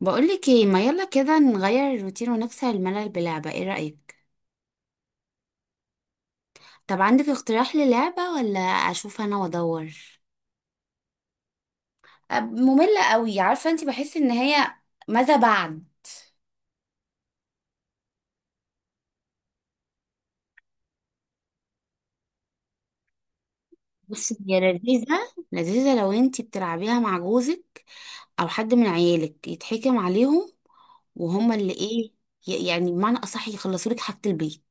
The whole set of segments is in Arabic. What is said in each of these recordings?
بقولك ايه، ما يلا كده نغير الروتين ونكسر الملل بلعبة. ايه رأيك؟ طب عندك اقتراح للعبة، ولا اشوف انا وادور؟ مملة قوي. عارفة انت؟ بحس ان هي ماذا بعد. بصي هي لذيذة لذيذة لو انتي بتلعبيها مع جوزك او حد من عيالك، يتحكم عليهم وهما اللي ايه، يعني بمعنى اصح يخلصوا لك حاجة البيت.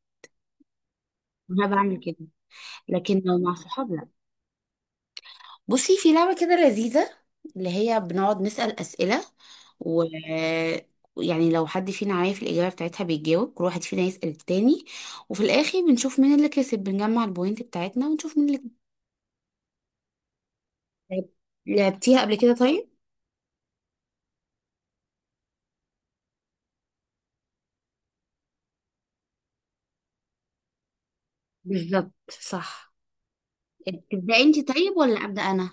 انا بعمل كده. لكن لو مع صحابك، بصي في لعبة كده لذيذة، اللي هي بنقعد نسأل أسئلة، و يعني لو حد فينا عارف الإجابة بتاعتها بيتجاوب، كل واحد فينا يسأل التاني، وفي الآخر بنشوف مين اللي كسب. بنجمع البوينت بتاعتنا ونشوف مين اللي كسب. لعبتيها قبل كده طيب؟ بالظبط صح. تبدأي انت طيب ولا أبدأ أنا؟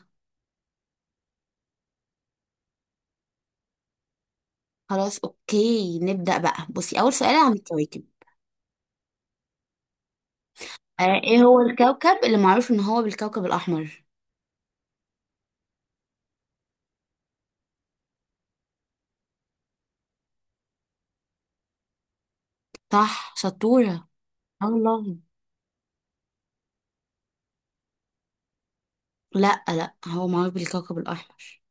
خلاص أوكي نبدأ بقى. بصي، أول سؤال عن الكواكب. آه، إيه هو الكوكب اللي معروف إن هو بالكوكب الأحمر؟ صح، شطورة. الله. لا لا، هو معروف بالكوكب الأحمر.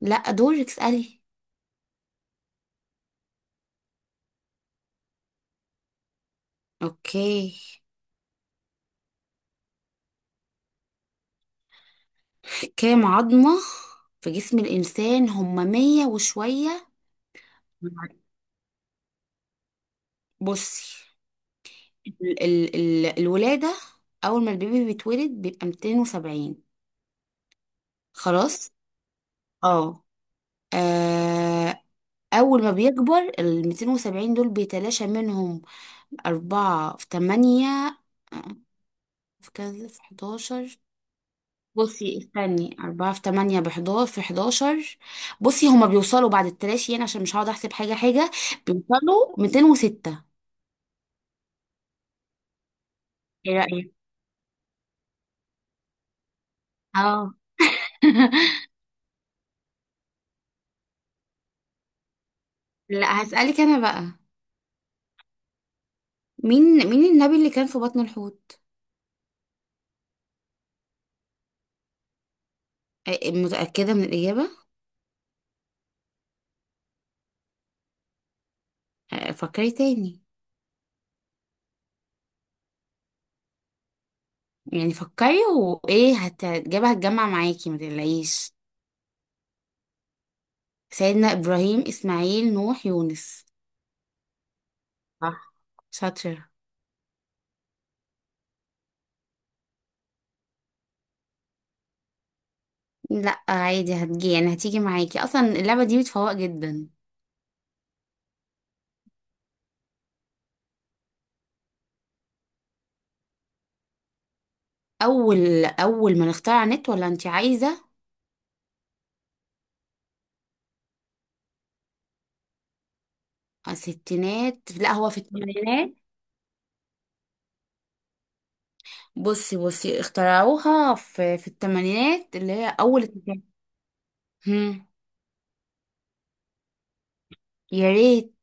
لا، دورك اسألي. اوكي. كام عظمة في جسم الإنسان هما مية وشوية. بصي، ال الولادة، أول ما البيبي بيتولد بيبقى 270. خلاص. اه آه، أول ما بيكبر ال 270 دول بيتلاشى منهم أربعة في تمانية. آه، في كذا، في 11. بصي استني، أربعة في تمانية بحداشر في حداشر. بصي هما بيوصلوا بعد التلاشي، يعني عشان مش هقعد أحسب حاجة حاجة، بيوصلوا ميتين وستة. ايه رأيك؟ اه. لا هسألك أنا بقى. مين النبي اللي كان في بطن الحوت؟ آه، متأكدة من الإجابة؟ آه، فكري تاني. يعني فكري، الإجابة هتجمع معاكي ما تقلقيش. سيدنا إبراهيم، إسماعيل، نوح، يونس. صح، شاطرة. لا عادي، هتجي يعني هتيجي معاكي، أصلا اللعبة دي بتفوق جدا. اول ما نختار على النت، ولا انت عايزه؟ آه، ستينات. لا هو في الثمانينات. بصي اخترعوها في الثمانينات، اللي هي اول التسعينات. هم، يا ريت.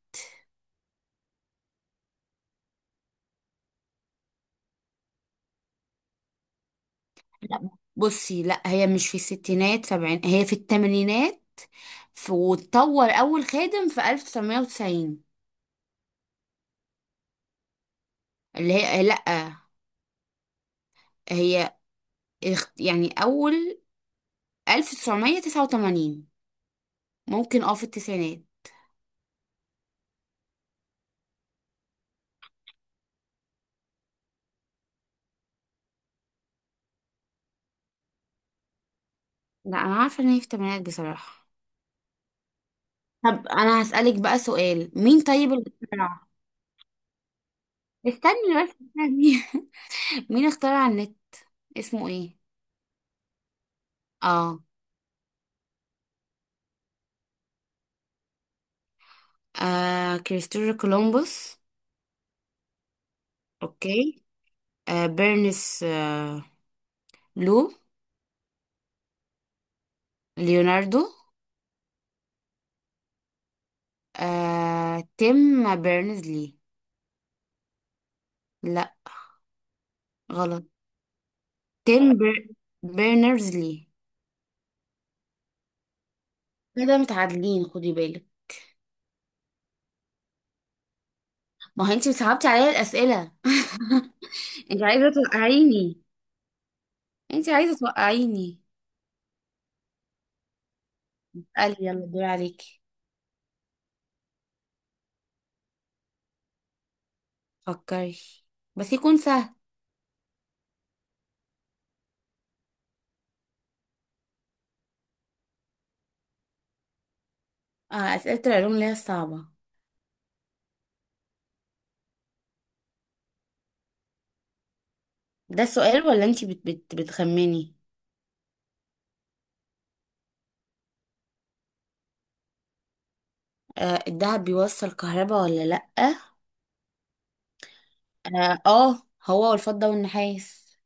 لا بصي، لا هي مش في الستينات، سبعين، هي في الثمانينات. في واتطور اول خادم في 1990، اللي هي لا، هي يعني اول، 1989، ممكن اه في التسعينات. لا انا عارفه ان هي في الثمانينات بصراحه. طب انا هسألك بقى سؤال. مين طيب اللي اخترع؟ استني. مين اخترع النت؟ اسمه ايه؟ اه، آه كريستوفر كولومبوس، اوكي. آه بيرنس، آه. لو ليوناردو. آه، تيم بيرنز لي. لا، غلط. تيم بيرنرز لي. كده متعادلين، خدي بالك. ما هو انت صعبتي عليا الأسئلة. انت عايزة توقعيني، انت عايزة توقعيني. قال يلا، دور عليكي. فكري، بس يكون سهل. آه، أسئلة العلوم اللي هي الصعبة. ده السؤال ولا انتي بت بتخمني؟ آه، الدهب بيوصل كهربا ولا لأ؟ اه آه، هو والفضة والنحاس.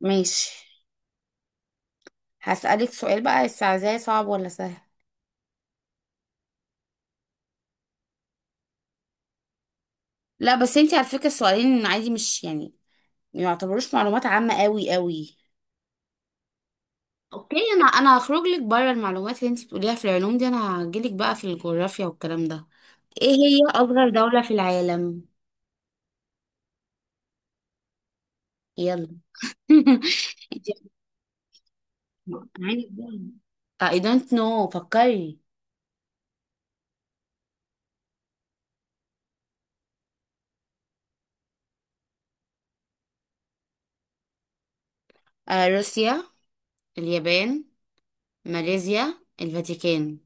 ماشي. هسألك سؤال بقى، بس عايزاه صعب ولا سهل؟ لا بس انتي على فكرة السؤالين عادي، مش يعني ما يعتبروش معلومات عامة قوي قوي. اوكي، انا هخرج لك بره المعلومات اللي انتي بتقوليها في العلوم دي. انا هجيلك بقى في الجغرافيا والكلام ده. ايه هي اصغر دولة في العالم؟ يلا. انت. عادي جدا. I don't know، فكري. آه، روسيا، اليابان، ماليزيا، الفاتيكان.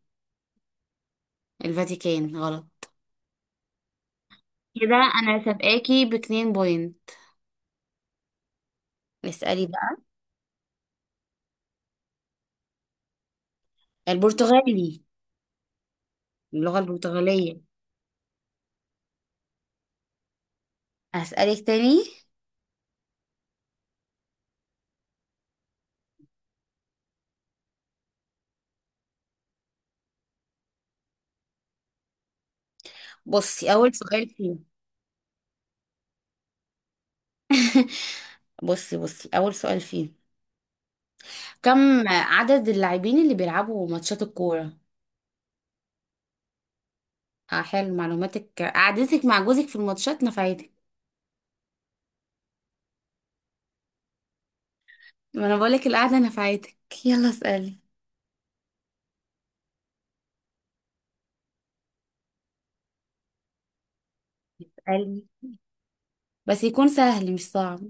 الفاتيكان، غلط. كده انا سابقاكي باتنين بوينت. اسألي بقى. البرتغالي. اللغة البرتغالية. هسألك تاني. بصي، أول سؤال فيه. بصي أول سؤال فيه، كم عدد اللاعبين اللي بيلعبوا ماتشات الكورة؟ آه، حلو، معلوماتك قعدتك مع جوزك في الماتشات نفعتك. ما انا بقولك القعده نفعتك. يلا اسالي. اسألي، بس يكون سهل مش صعب.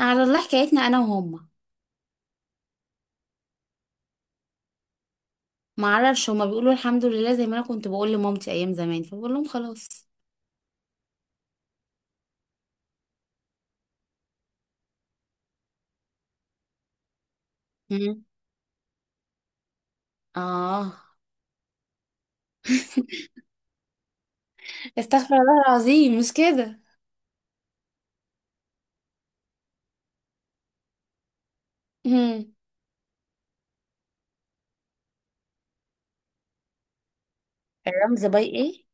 على الله حكايتنا انا وهما. ما اعرفش، هما بيقولوا الحمد لله زي ما انا كنت بقول لمامتي ايام زمان، فبقول لهم خلاص. مم. اه. استغفر الله العظيم مش كده. مم. الرمز باي ايه؟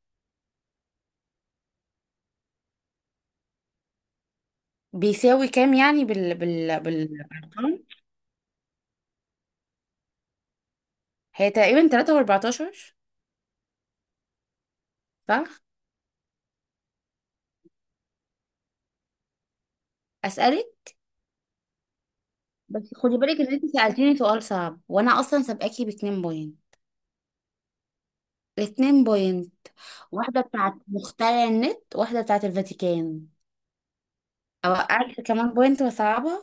بيساوي كام يعني بال بالارقام؟ هي تقريبا 3.14. صح. اسالك. بس خدي بالك ان انت سالتيني سؤال صعب، وانا اصلا سابقاكي باتنين بوينت. الاتنين بوينت، واحدة بتاعت مخترع النت، واحدة بتاعت الفاتيكان. اوقعك كمان بوينت وصعبة.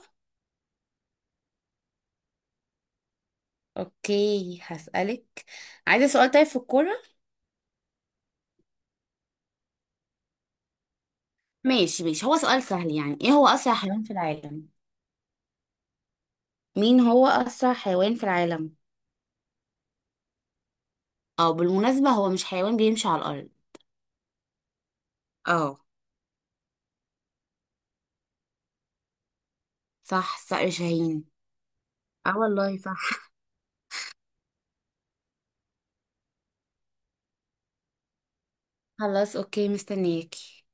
اوكي، هسألك. عايزة سؤال طيب في الكورة؟ ماشي ماشي، هو سؤال سهل. يعني ايه هو اسرع حيوان في العالم؟ مين هو اسرع حيوان في العالم؟ او بالمناسبة هو مش حيوان بيمشي على الارض. اه. صح، صقر شاهين. اه والله صح. خلاص، اوكي، مستنياكي.